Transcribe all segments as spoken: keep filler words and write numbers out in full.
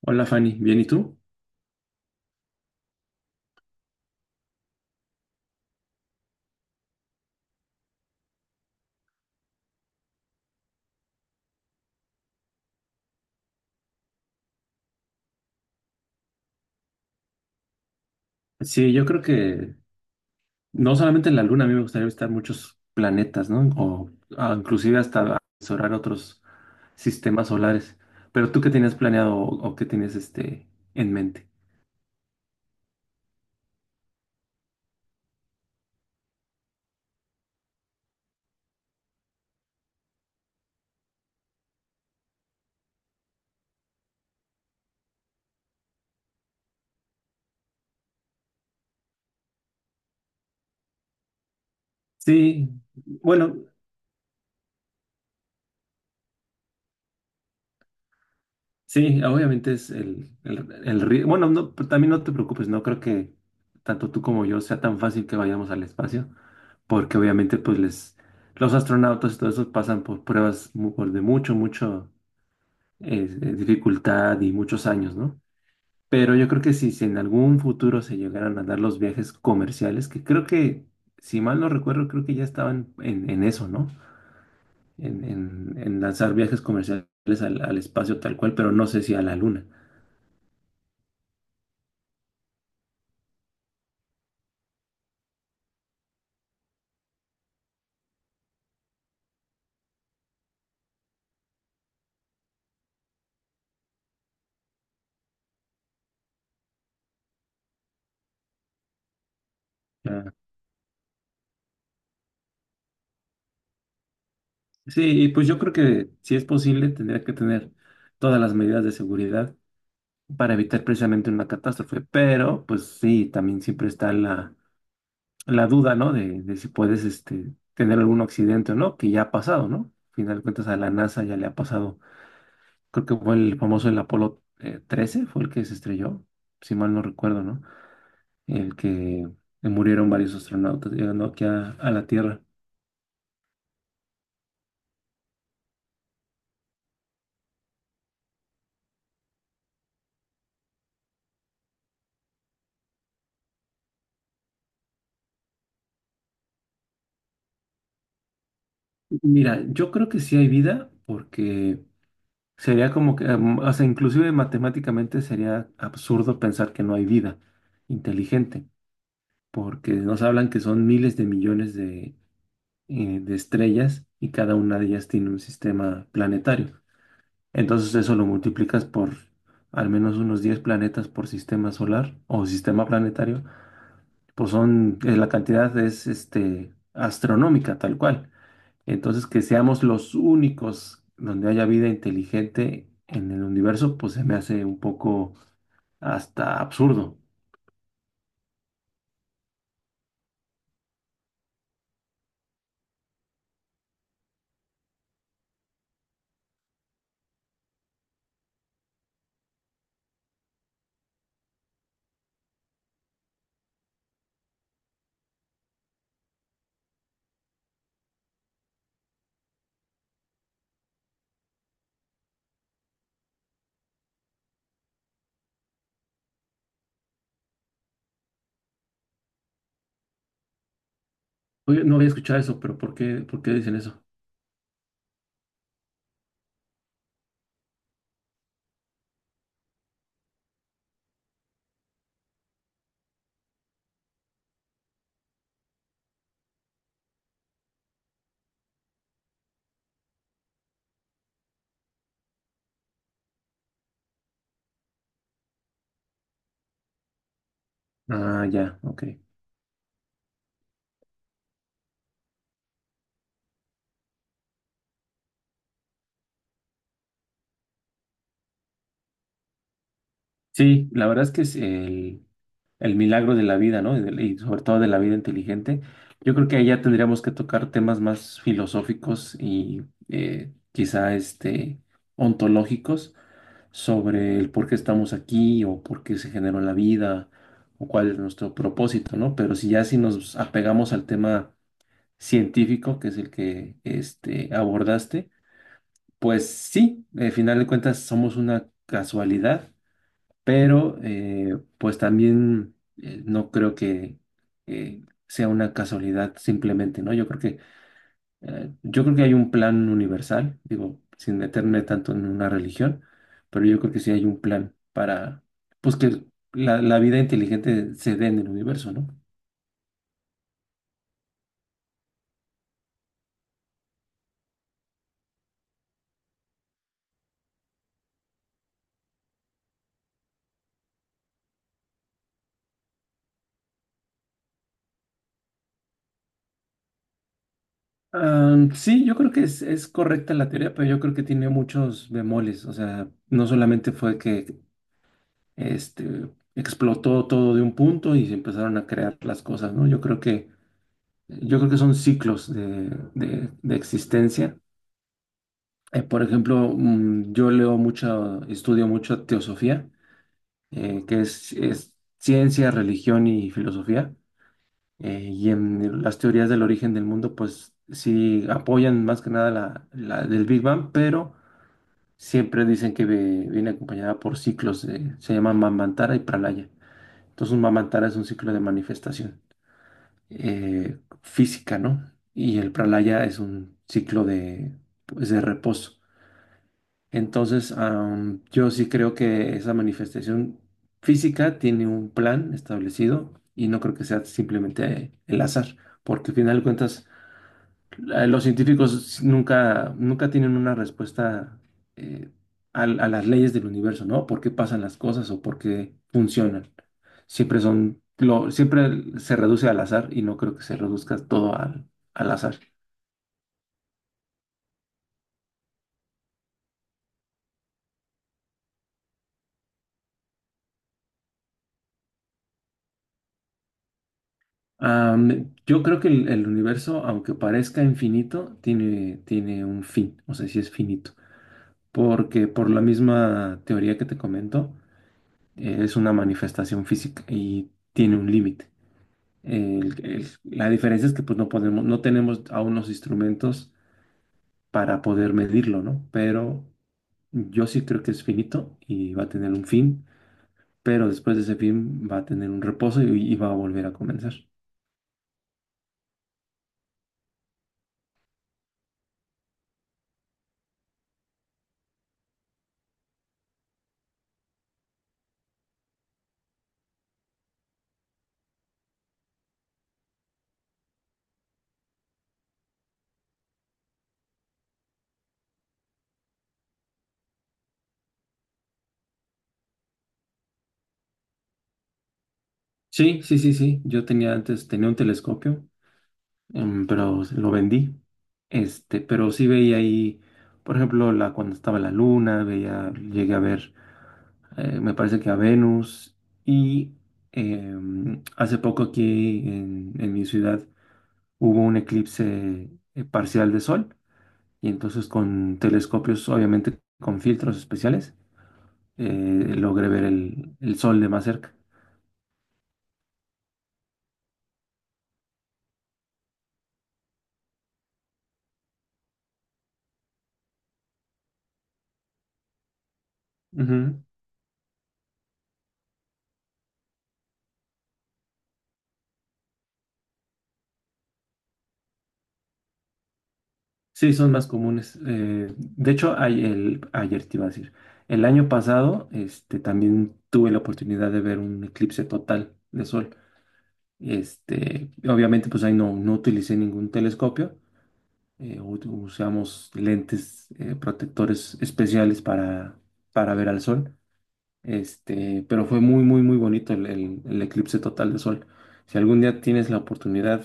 Hola Fanny, ¿bien y tú? Sí, yo creo que no solamente en la Luna, a mí me gustaría visitar muchos planetas, ¿no? O ah, inclusive hasta explorar otros sistemas solares. ¿Pero tú qué tenías planeado o, o qué tienes este en mente? Sí, bueno, sí, obviamente es el, el, el ri- Bueno, no, pero también no te preocupes, no creo que tanto tú como yo sea tan fácil que vayamos al espacio, porque obviamente pues les, los astronautas y todo eso pasan por pruebas mu- por de mucho, mucho es, es dificultad y muchos años, ¿no? Pero yo creo que si, si en algún futuro se llegaran a dar los viajes comerciales, que creo que, si mal no recuerdo, creo que ya estaban en, en eso, ¿no? En, en- en lanzar viajes comerciales al, al espacio tal cual, pero no sé si a la luna. Ya. Sí, y pues yo creo que si es posible, tendría que tener todas las medidas de seguridad para evitar precisamente una catástrofe, pero pues sí, también siempre está la la duda, ¿no? De, de si puedes este, tener algún accidente o no, que ya ha pasado, ¿no? Al final de cuentas a la NASA ya le ha pasado. Creo que fue el famoso el Apolo eh, trece, fue el que se estrelló, si mal no recuerdo, ¿no? El que eh, murieron varios astronautas llegando aquí a, a la Tierra. Mira, yo creo que sí hay vida porque sería como que, em, o sea, inclusive matemáticamente sería absurdo pensar que no hay vida inteligente, porque nos hablan que son miles de millones de eh, de estrellas y cada una de ellas tiene un sistema planetario. Entonces eso lo multiplicas por al menos unos diez planetas por sistema solar o sistema planetario, pues son, eh, la cantidad es este, astronómica tal cual. Entonces que seamos los únicos donde haya vida inteligente en el universo, pues se me hace un poco hasta absurdo. Oye, no había escuchado eso, pero ¿por qué, por qué dicen eso? Ah, ya, ok. Sí, la verdad es que es el, el milagro de la vida, ¿no? Y, del- y sobre todo de la vida inteligente. Yo creo que ahí ya tendríamos que tocar temas más filosóficos y eh, quizá este, ontológicos sobre el por qué estamos aquí o por qué se generó la vida o cuál es nuestro propósito, ¿no? Pero si ya si nos apegamos al tema científico, que es el que este, abordaste, pues sí, al final de cuentas somos una casualidad pero eh, pues también eh, no creo que eh, sea una casualidad simplemente, ¿no? Yo creo que eh, yo creo que hay un plan universal, digo, sin meterme tanto en una religión, pero yo creo que sí hay un plan para pues que la, la vida inteligente se dé en el universo, ¿no? Am, sí, yo creo que es, es correcta la teoría, pero yo creo que tiene muchos bemoles. O sea, no solamente fue que este, explotó todo de un punto y se empezaron a crear las cosas, ¿no? Yo creo que, yo creo que son ciclos de, de- de existencia. Eh, por ejemplo, mm, yo leo mucho, estudio mucho teosofía, eh, que es, es ciencia, religión y filosofía. Eh, y en las teorías del origen del mundo, pues sí apoyan más que nada la, la del Big Bang, pero siempre dicen que ve- viene acompañada por ciclos, de- se llaman Mamantara y Pralaya. Entonces, un mamantara es un ciclo de manifestación eh, física, ¿no? Y el pralaya es un ciclo de, pues, de reposo. Entonces, am, yo sí creo que esa manifestación física tiene un plan establecido y no creo que sea simplemente el azar, porque al final de cuentas la- los científicos nunca, nunca tienen una respuesta eh, al- a, las leyes del universo, ¿no? ¿Por qué pasan las cosas o por qué funcionan? Siempre son, lo, siempre se reduce al azar y no creo que se reduzca todo al, al azar. Am, yo creo que el, el universo, aunque parezca infinito, tiene, tiene un fin, o sea, sí es finito, porque por la misma teoría que te comento, eh, es una manifestación física y tiene un límite. El- el- la diferencia es que pues no podemos, no tenemos aún los instrumentos para poder medirlo, ¿no? Pero yo sí creo que es finito y va a tener un fin, pero después de ese fin va a tener un reposo y, y va a volver a comenzar. Sí, sí, sí, sí. Yo tenía antes, tenía un telescopio em, pero lo vendí. Este, pero sí veía ahí, por ejemplo, la, cuando estaba la luna, veía, llegué a ver, eh, me parece que a Venus. Y em, hace poco aquí en, en mi ciudad hubo un eclipse eh, parcial de sol. Y entonces con telescopios, obviamente con filtros especiales, eh, logré ver el, el sol de más cerca. Ujú. Sí, son más comunes. Eh, de hecho, ay- el- ayer te iba a decir, el año pasado, este, también tuve la oportunidad de ver un eclipse total de sol. Este, obviamente, pues ahí no, no utilicé ningún telescopio. Eh, ut- usamos lentes eh, protectores especiales para, para ver al sol. Este, pero fue muy, muy, muy bonito el, el- el eclipse total de sol. Si algún día tienes la oportunidad,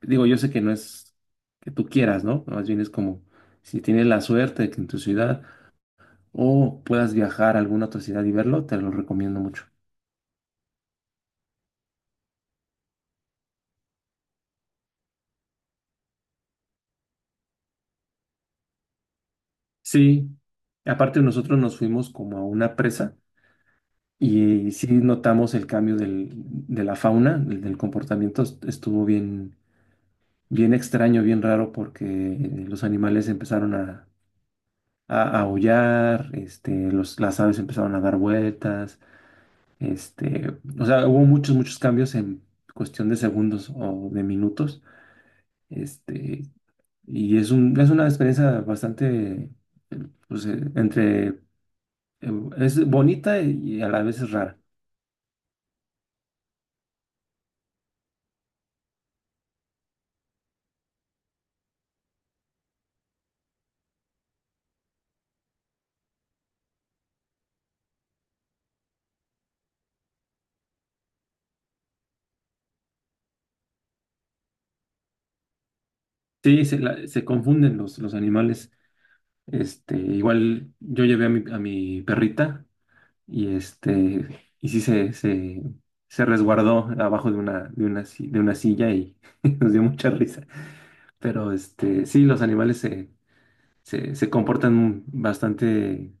digo, yo sé que no es que tú quieras, ¿no? Más bien es como si tienes la suerte de que en tu ciudad o puedas viajar a alguna otra ciudad y verlo, te lo recomiendo mucho. Sí, aparte nosotros nos fuimos como a una presa y sí notamos el cambio del- de la fauna, del, del comportamiento, est- estuvo bien, bien extraño, bien raro porque los animales empezaron a a, aullar, este, los, las aves empezaron a dar vueltas, este, o sea, hubo muchos, muchos cambios en cuestión de segundos o de minutos, este, y es un, es una experiencia bastante, eh, pues, eh, entre, eh, es bonita y a la vez es rara. Sí, se, la- se confunden los, los animales, este, igual yo llevé a mi, a mi perrita y este, y sí se, se, se resguardó abajo de una, de una, si- de una silla y nos dio mucha risa. Pero este, sí, los animales se, se, se comportan bastante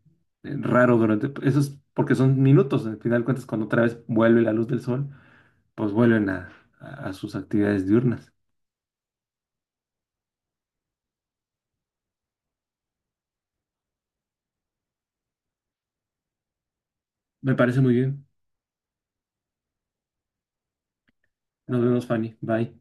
eh, raro durante, eso es porque son minutos, al final de cuentas cuando otra vez vuelve la luz del sol, pues vuelven a, a a sus actividades diurnas. Me parece muy bien. Nos vemos, Fanny. Bye.